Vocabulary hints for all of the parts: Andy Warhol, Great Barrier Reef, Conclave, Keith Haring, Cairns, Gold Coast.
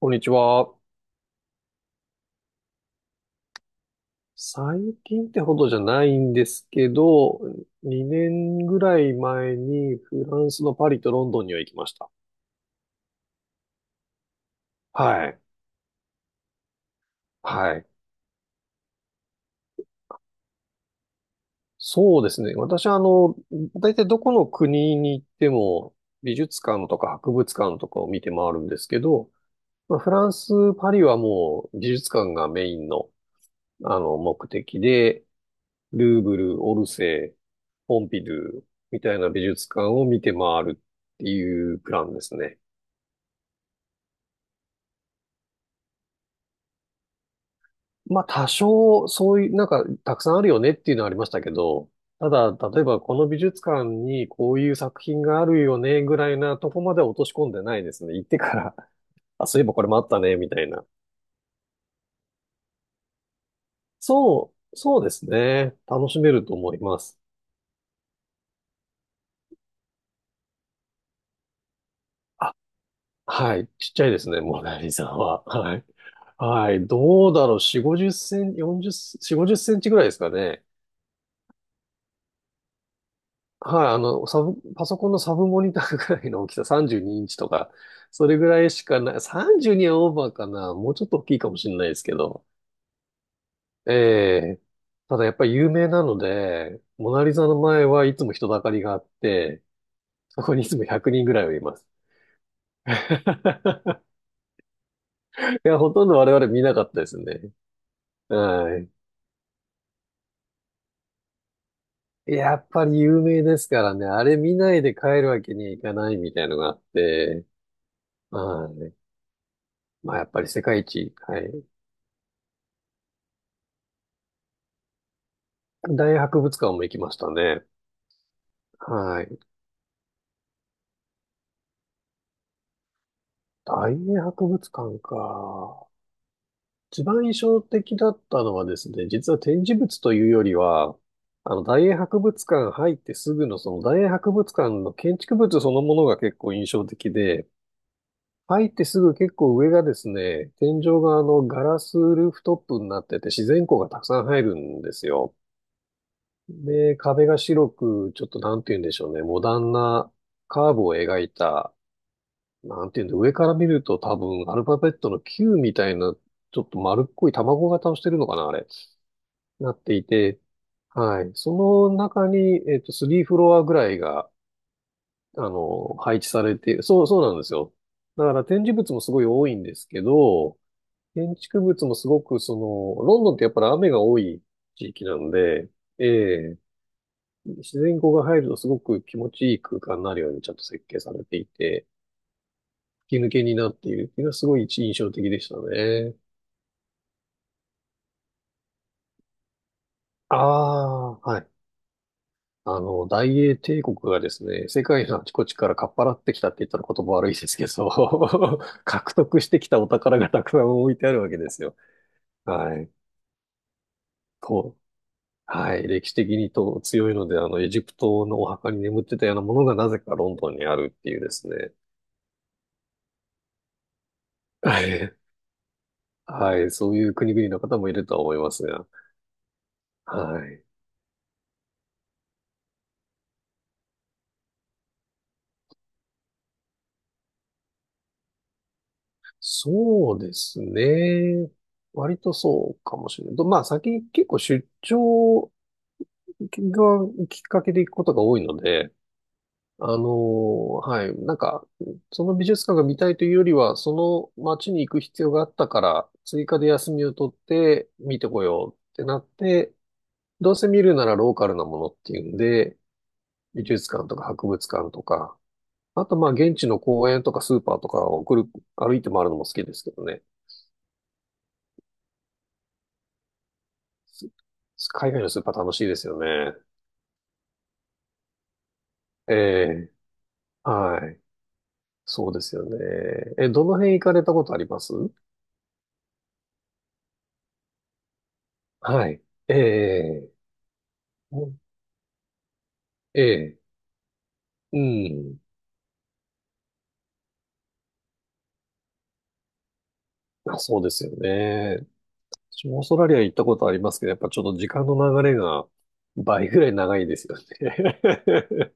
こんにちは。最近ってほどじゃないんですけど、2年ぐらい前にフランスのパリとロンドンには行きました。はい。はい。そうですね。私は大体どこの国に行っても美術館とか博物館とかを見て回るんですけど、まあ、フランス、パリはもう美術館がメインの、あの目的で、ルーブル、オルセー、ポンピドゥみたいな美術館を見て回るっていうプランですね。まあ多少そういう、たくさんあるよねっていうのはありましたけど、ただ例えばこの美術館にこういう作品があるよねぐらいなとこまで落とし込んでないですね。行ってから、あ、そういえばこれもあったねみたいな。そう、そうですね。楽しめると思います。あ、はい。ちっちゃいですね、モナリザは。はい。はい。どうだろう。4、50センチ、40、4、5センチぐらいですかね。はい。あの、パソコンのサブモニターぐらいの大きさ、32インチとか、それぐらいしかない。32はオーバーかな。もうちょっと大きいかもしれないですけど。ええ。ただやっぱり有名なので、モナリザの前はいつも人だかりがあって、そこにいつも100人ぐらいはいます。いや、ほとんど我々見なかったですね。はい。やっぱり有名ですからね、あれ見ないで帰るわけにはいかないみたいのがあって、はい。まあやっぱり世界一、はい。大博物館も行きましたね。はい。大英博物館か。一番印象的だったのはですね、実は展示物というよりは、大英博物館入ってすぐのその大英博物館の建築物そのものが結構印象的で、入ってすぐ結構上がですね、天井があのガラスルーフトップになってて自然光がたくさん入るんですよ。で、壁が白く、ちょっとなんて言うんでしょうね、モダンなカーブを描いた、なんて言うんだ、上から見ると多分アルファベットの Q みたいな、ちょっと丸っこい卵型をしてるのかな、あれ、なっていて、はい。その中に、3フロアぐらいが、配置されている。そう、そうなんですよ。だから展示物もすごい多いんですけど、建築物もすごく、その、ロンドンってやっぱり雨が多い地域なので、ええ、自然光が入るとすごく気持ちいい空間になるようにちゃんと設計されていて、吹き抜けになっているっていうのはすごい印象的でしたね。ああ、はい。大英帝国がですね、世界のあちこちからかっぱらってきたって言ったら言葉悪いですけど、獲得してきたお宝がたくさん置いてあるわけですよ。はい。う。はい。歴史的にと強いので、エジプトのお墓に眠ってたようなものがなぜかロンドンにあるっていうですね。はい。はい。そういう国々の方もいるとは思いますが。はい。そうですね。割とそうかもしれない。とまあ、先に結構出張がきっかけで行くことが多いので、はい。その美術館が見たいというよりは、その街に行く必要があったから、追加で休みを取って見てこようってなって、どうせ見るならローカルなものっていうんで、美術館とか博物館とか、あとまあ現地の公園とかスーパーとかを送る、歩いて回るのも好きですけどね。海外のスーパー楽しいですよね。ええ、はい。そうですよね。え、どの辺行かれたことありますはい。ええ、ええ、うん。あ、そうですよね。私もオーストラリア行ったことありますけど、やっぱちょっと時間の流れが倍ぐらい長いですよね。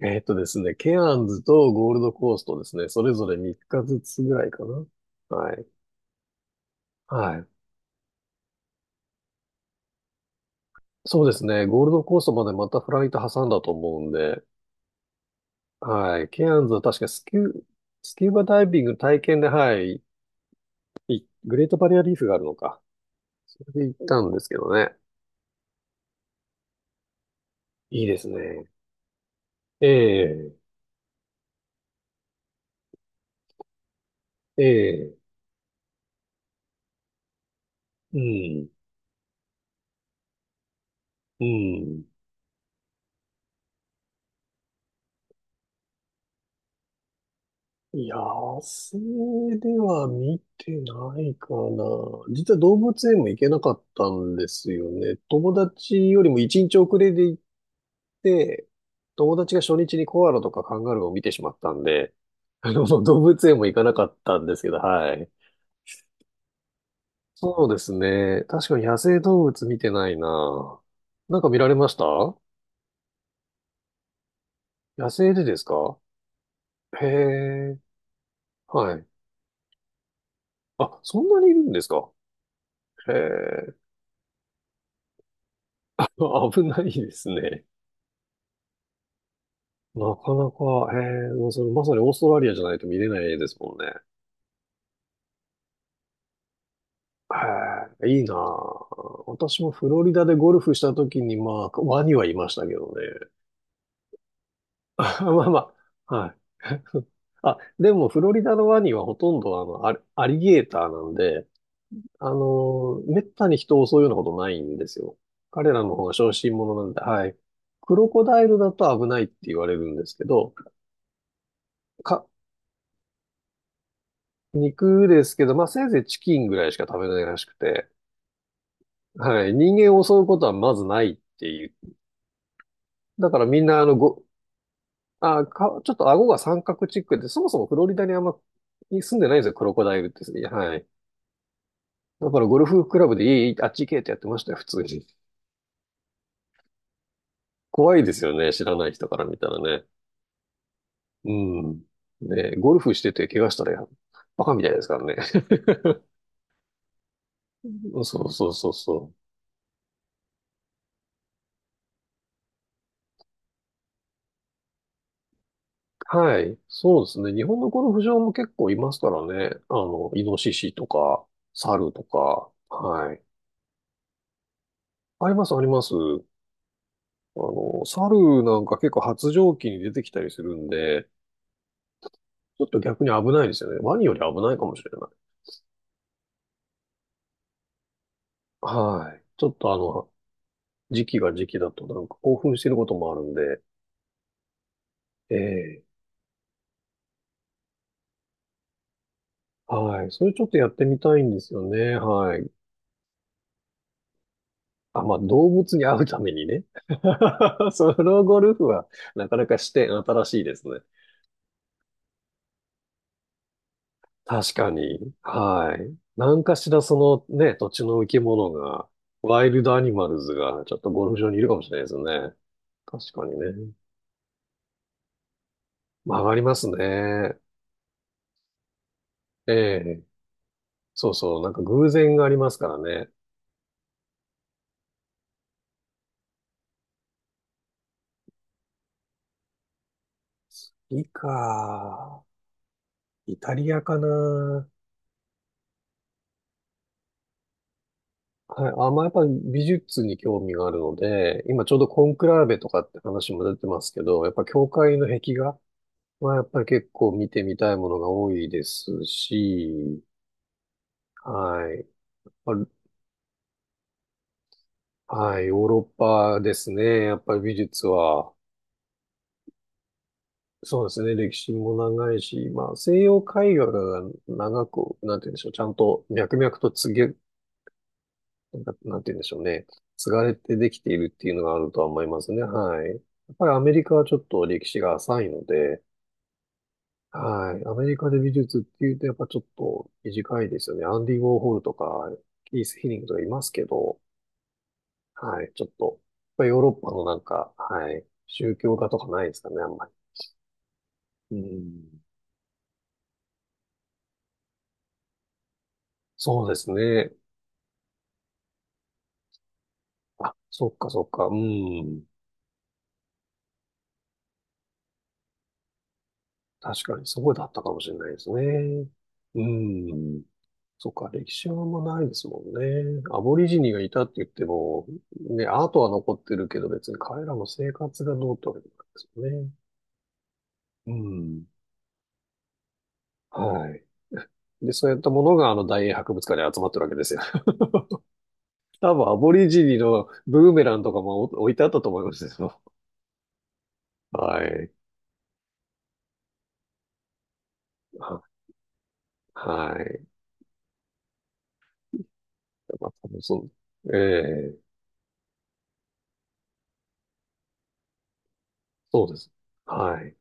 ですね、ケアンズとゴールドコーストですね、それぞれ3日ずつぐらいかな。はい。はい。そうですね、ゴールドコーストまでまたフライト挟んだと思うんで、はい。ケアンズは確かスキューバダイビング体験で、はい、グレートバリアリーフがあるのか。それで行ったんですけどね。いいですね。ええ、ええ、うん、うん。野生では見てないかな。実は動物園も行けなかったんですよね。友達よりも一日遅れで行って、友達が初日にコアラとかカンガルーを見てしまったんで、動物園も行かなかったんですけど、はい。そうですね。確かに野生動物見てないな。なんか見られました、野生でですか。へえ、はい。あ、そんなにいるんですか。へえ、危ないですね。なかなか、へえ、もうそれまさにオーストラリアじゃないと見れないですもんね。へえ、いいなあ。私もフロリダでゴルフした時に、まあ、ワニはいましたけどね。まあまあ、はい。あ、でもフロリダのワニはほとんどあの、アリアリゲーターなんで、めったに人を襲うようなことないんですよ。彼らの方が小心者なんで、はい。クロコダイルだと危ないって言われるんですけど、か、肉ですけど、まあせいぜいチキンぐらいしか食べないらしくて、はい。人間を襲うことはまずないっていう。だからみんな、あの、ご、あ、か、ちょっと顎が三角チックで、そもそもフロリダにあんまに住んでないんですよ、クロコダイルって。はい。だからゴルフクラブでいいあっち行けってやってましたよ、普通に。怖いですよね、知らない人から見たらね。うん。ね、ゴルフしてて怪我したらバカみたいですからね。そうそうそうそう。はい。そうですね。日本のゴルフ場も結構いますからね。イノシシとか、猿とか、はい。あります、あります。猿なんか結構発情期に出てきたりするんで、ちょっと逆に危ないですよね。ワニより危ないかもしれない。はい。ちょっと時期が時期だとなんか興奮してることもあるんで、ええ、はい。それちょっとやってみたいんですよね。はい。あ、まあ、動物に会うためにね。ソロゴルフはなかなか視点新しいですね。確かに。はい。何かしらそのね、土地の生き物が、ワイルドアニマルズがちょっとゴルフ場にいるかもしれないですよね。確かにね。曲がりますね。ええ。そうそう。なんか偶然がありますからね。いいか。イタリアかな。はい。あ、まあ、やっぱり美術に興味があるので、今ちょうどコンクラーベとかって話も出てますけど、やっぱ教会の壁画はやっぱり結構見てみたいものが多いですし、はい。あ、はい、ヨーロッパですね。やっぱり美術は、そうですね。歴史も長いし、まあ、西洋絵画が長く、なんて言うんでしょう。ちゃんと脈々となんて言うんでしょうね。継がれてできているっていうのがあるとは思いますね。はい。やっぱりアメリカはちょっと歴史が浅いので、はい。アメリカで美術っていうと、やっぱちょっと短いですよね。アンディ・ウォーホルとか、キース・ヒリングとかいますけど、はい。ちょっと、まあヨーロッパのはい。宗教画とかないですかね、あんまり。うん。そうですね。あ、そっかそっか。うん。確かにそうだったかもしれないですね。うん。そっか、歴史はあんまないですもんね。アボリジニがいたって言っても、ね、アートは残ってるけど別に彼らの生活がどうってわけじゃないですよね。うん。はい。で、そういったものがあの大英博物館に集まってるわけですよ。多分アボリジニのブーメランとかも置いてあったと思いますけど、はい。ははい。まあ、多分そう。ええ、そうです。はい。